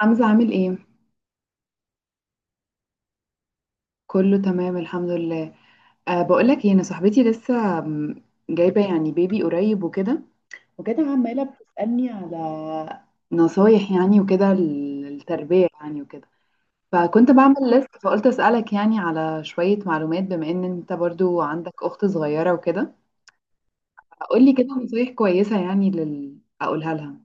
حمزة عامل ايه؟ كله تمام الحمد لله. أه، بقولك ايه، انا صاحبتي لسه جايبة يعني بيبي قريب وكده، وكده عمالة بتسألني على نصايح يعني وكده، التربية يعني وكده، فكنت بعمل لست فقلت أسألك يعني على شوية معلومات بما ان انت برضو عندك اخت صغيرة وكده. قولي كده نصايح كويسة يعني لل... اقولها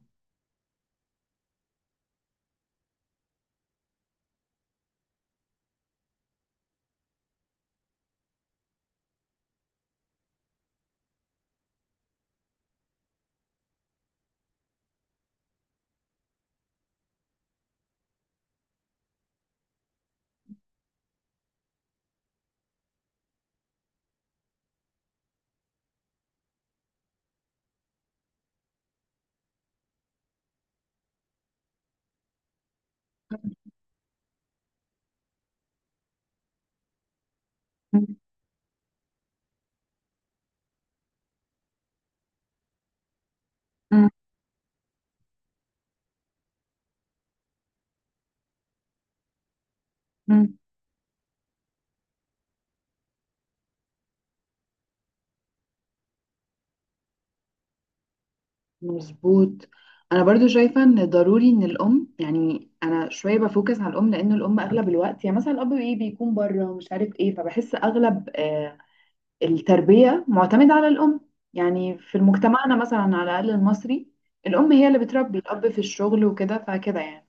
لها. مظبوط. انا برضو شايفه ان ضروري ان الام، يعني انا شويه بفوكس على الام لان الام اغلب الوقت، يعني مثلا الاب ايه بيكون بره ومش عارف ايه، فبحس اغلب التربيه معتمده على الام. يعني في مجتمعنا مثلا على الاقل المصري، الام هي اللي بتربي، الاب في الشغل وكده، فكده يعني.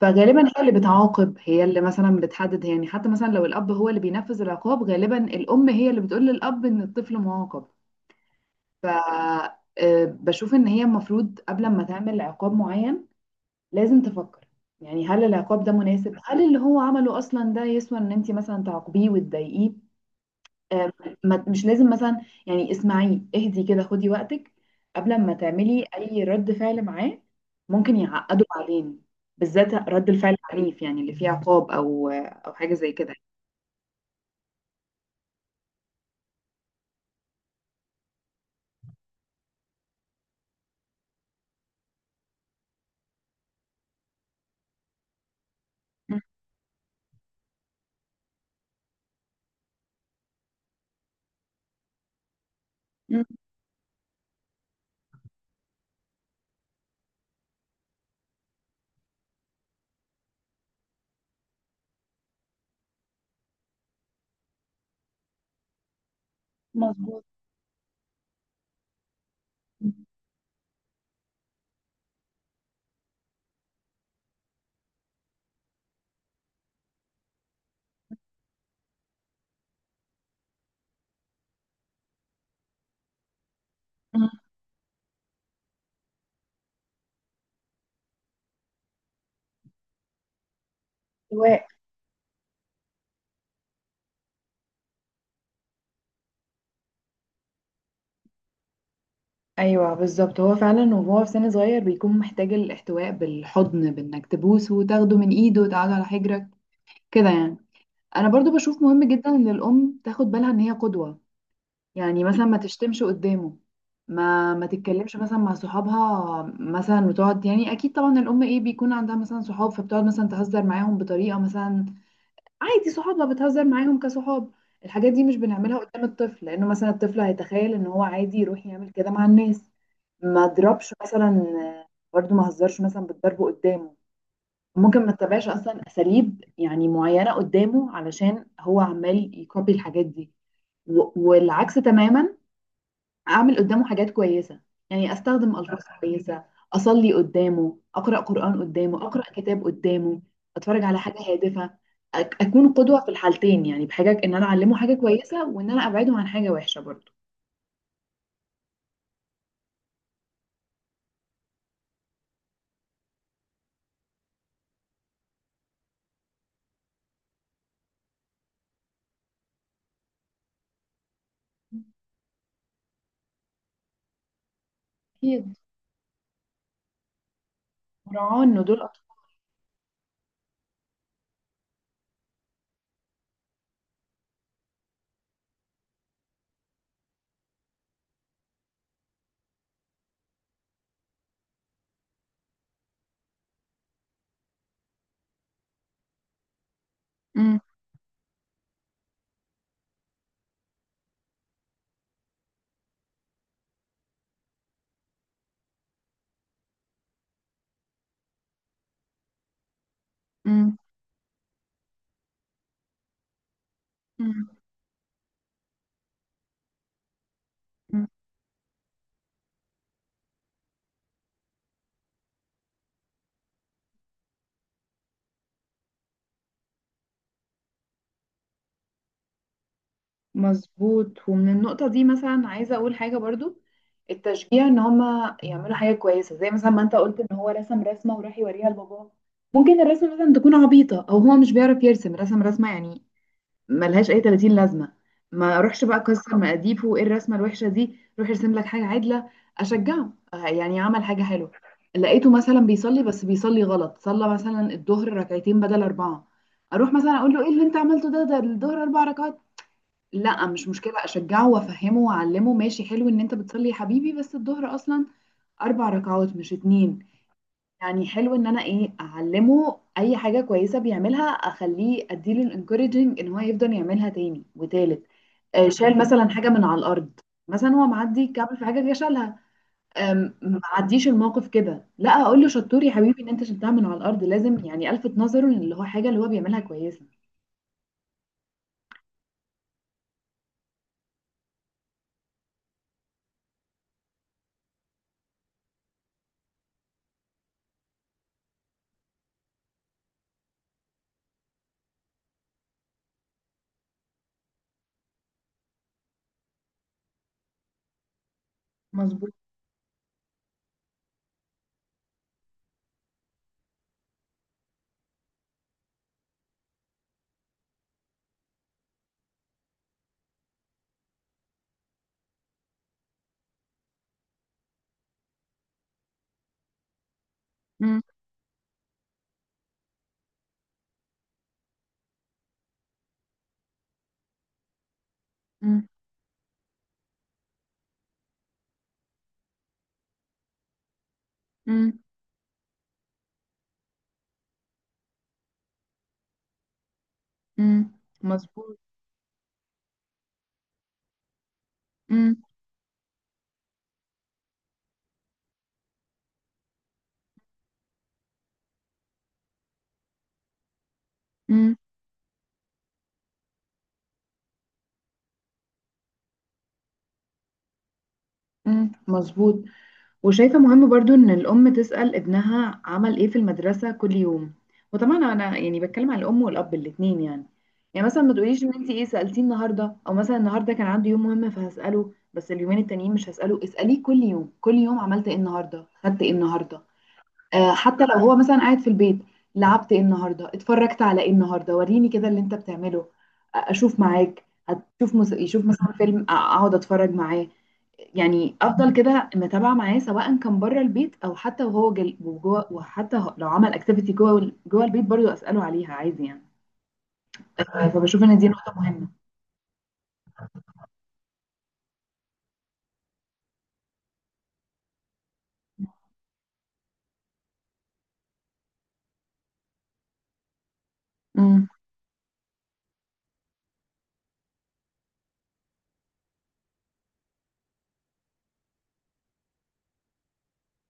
فغالبا هي اللي بتعاقب، هي اللي مثلا بتحدد، يعني حتى مثلا لو الاب هو اللي بينفذ العقاب غالبا الام هي اللي بتقول للاب ان الطفل معاقب. ف بشوف ان هي المفروض قبل ما تعمل عقاب معين لازم تفكر، يعني هل العقاب ده مناسب، هل اللي هو عمله اصلا ده يسوى ان انت مثلا تعاقبيه وتضايقيه. آه، مش لازم مثلا، يعني اسمعيه، اهدي كده، خدي وقتك قبل ما تعملي اي رد فعل معاه. ممكن يعقده بعدين، بالذات رد الفعل العنيف يعني اللي فيه عقاب او حاجة زي كده. مم. مم. مظبوط. مم. ايوه بالظبط، هو فعلا وهو في سن صغير بيكون محتاج الاحتواء بالحضن، بانك تبوسه وتاخده من ايده وتقعده على حجرك كده يعني. انا برضو بشوف مهم جدا ان الام تاخد بالها ان هي قدوة. يعني مثلا ما تشتمش قدامه، ما تتكلمش مثلا مع صحابها، مثلا وتقعد، يعني اكيد طبعا الام ايه بيكون عندها مثلا صحاب فبتقعد مثلا تهزر معاهم بطريقة مثلا عادي، صحابها بتهزر معاهم كصحاب. الحاجات دي مش بنعملها قدام الطفل لانه مثلا الطفل هيتخيل ان هو عادي يروح يعمل كده مع الناس. ما اضربش مثلا، برضو ما هزرش مثلا بالضرب قدامه. ممكن ما اتبعش اصلا اساليب يعني معينه قدامه علشان هو عمال يكوبي الحاجات دي. والعكس تماما، اعمل قدامه حاجات كويسه، يعني استخدم الفاظ كويسه، اصلي قدامه، اقرا قران قدامه، اقرا كتاب قدامه، اتفرج على حاجه هادفه. اكون قدوه في الحالتين، يعني بحاجه ان انا اعلمه حاجه كويسه، وان انا ابعده عن حاجه وحشه برضو. اكيد، مراعاه ان دول أطفال. مم، مم، مم، مم. مظبوط. ومن النقطة دي مثلا عايزة أقول حاجة برضو، التشجيع إن هما يعملوا حاجة كويسة. زي مثلا ما أنت قلت إن هو رسم رسمة وراح يوريها لباباه، ممكن الرسمة مثلا تكون عبيطة أو هو مش بيعرف يرسم، رسمة يعني ملهاش أي 30 لازمة. ما أروحش بقى أكسر مقاديفه وإيه الرسمة الوحشة دي، روح ارسم لك حاجة عدلة. أشجعه، يعني عمل حاجة حلوة. لقيته مثلا بيصلي بس بيصلي غلط، صلى مثلا الظهر ركعتين بدل أربعة، أروح مثلا أقول له إيه اللي أنت عملته ده، ده الظهر أربع ركعات. لا، مش مشكلة، أشجعه وأفهمه وأعلمه، ماشي حلو إن أنت بتصلي يا حبيبي، بس الظهر أصلا أربع ركعات مش اتنين. يعني حلو إن أنا إيه أعلمه أي حاجة كويسة بيعملها، أخليه أديله الانكوريجنج إن هو يفضل يعملها تاني وتالت. شال مثلا حاجة من على الأرض، مثلا هو معدي كعب في حاجة جه شالها، معديش الموقف كده، لا أقول له شطور يا حبيبي إن أنت شلتها من على الأرض. لازم يعني ألفت نظره إن اللي هو حاجة اللي هو بيعملها كويسة. مظبوط. مم، مم، مم، مم. مظبوط. مم، مم، مم، مظبوط. وشايفة مهم برضو ان الام تسأل ابنها عمل ايه في المدرسة كل يوم، وطبعا انا يعني بتكلم على الام والاب الاتنين يعني. يعني مثلا ما تقوليش ان انت ايه سألتيه النهاردة، او مثلا النهاردة كان عنده يوم مهم فهسأله بس اليومين التانيين مش هسأله. اسأليه كل يوم، كل يوم عملت ايه النهاردة، خدت ايه النهاردة. آه حتى لو هو مثلا قاعد في البيت، لعبت ايه النهاردة، اتفرجت على ايه النهاردة، وريني كده اللي انت بتعمله. اشوف معاك. هتشوف مس... يشوف مثلا فيلم، اقعد اتفرج معاه، يعني افضل كده متابعه معاه سواء كان بره البيت او حتى وهو جل... وجوه، وحتى لو عمل اكتيفيتي جوه جوه البيت برضو اساله عليها عادي يعني. فبشوف ان دي نقطه مهمه. امم،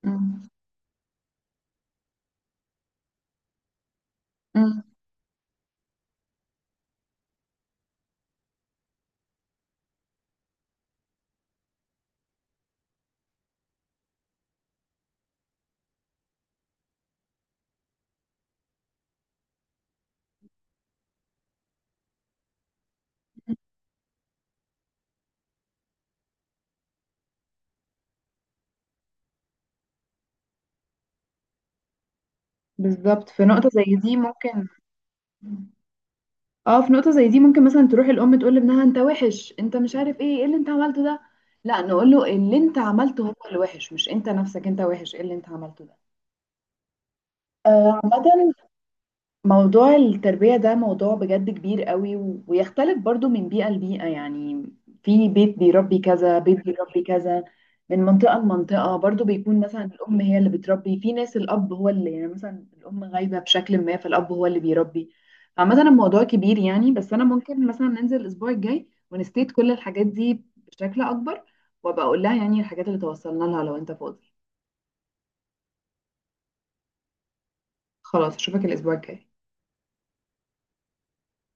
امم، أمم. بالظبط، في نقطه زي دي ممكن، اه في نقطه زي دي ممكن مثلا تروح الام تقول لابنها انت وحش، انت مش عارف ايه، ايه اللي انت عملته ده. لا، نقول له اللي انت عملته هو اللي وحش، مش انت نفسك انت وحش، ايه اللي انت عملته ده. عامة موضوع التربية ده موضوع بجد كبير قوي، ويختلف برضو من بيئة لبيئة يعني، في بيت بيربي كذا، بيت بيربي كذا، من منطقة لمنطقة برضو، بيكون مثلا الأم هي اللي بتربي، في ناس الأب هو اللي، يعني مثلا الأم غايبة بشكل ما فالأب هو اللي بيربي. عامة الموضوع كبير يعني، بس أنا ممكن مثلا ننزل الأسبوع الجاي ونستيت كل الحاجات دي بشكل أكبر، وأبقى أقول لها يعني الحاجات اللي توصلنا لها لو أنت فاضي. خلاص، أشوفك الأسبوع الجاي.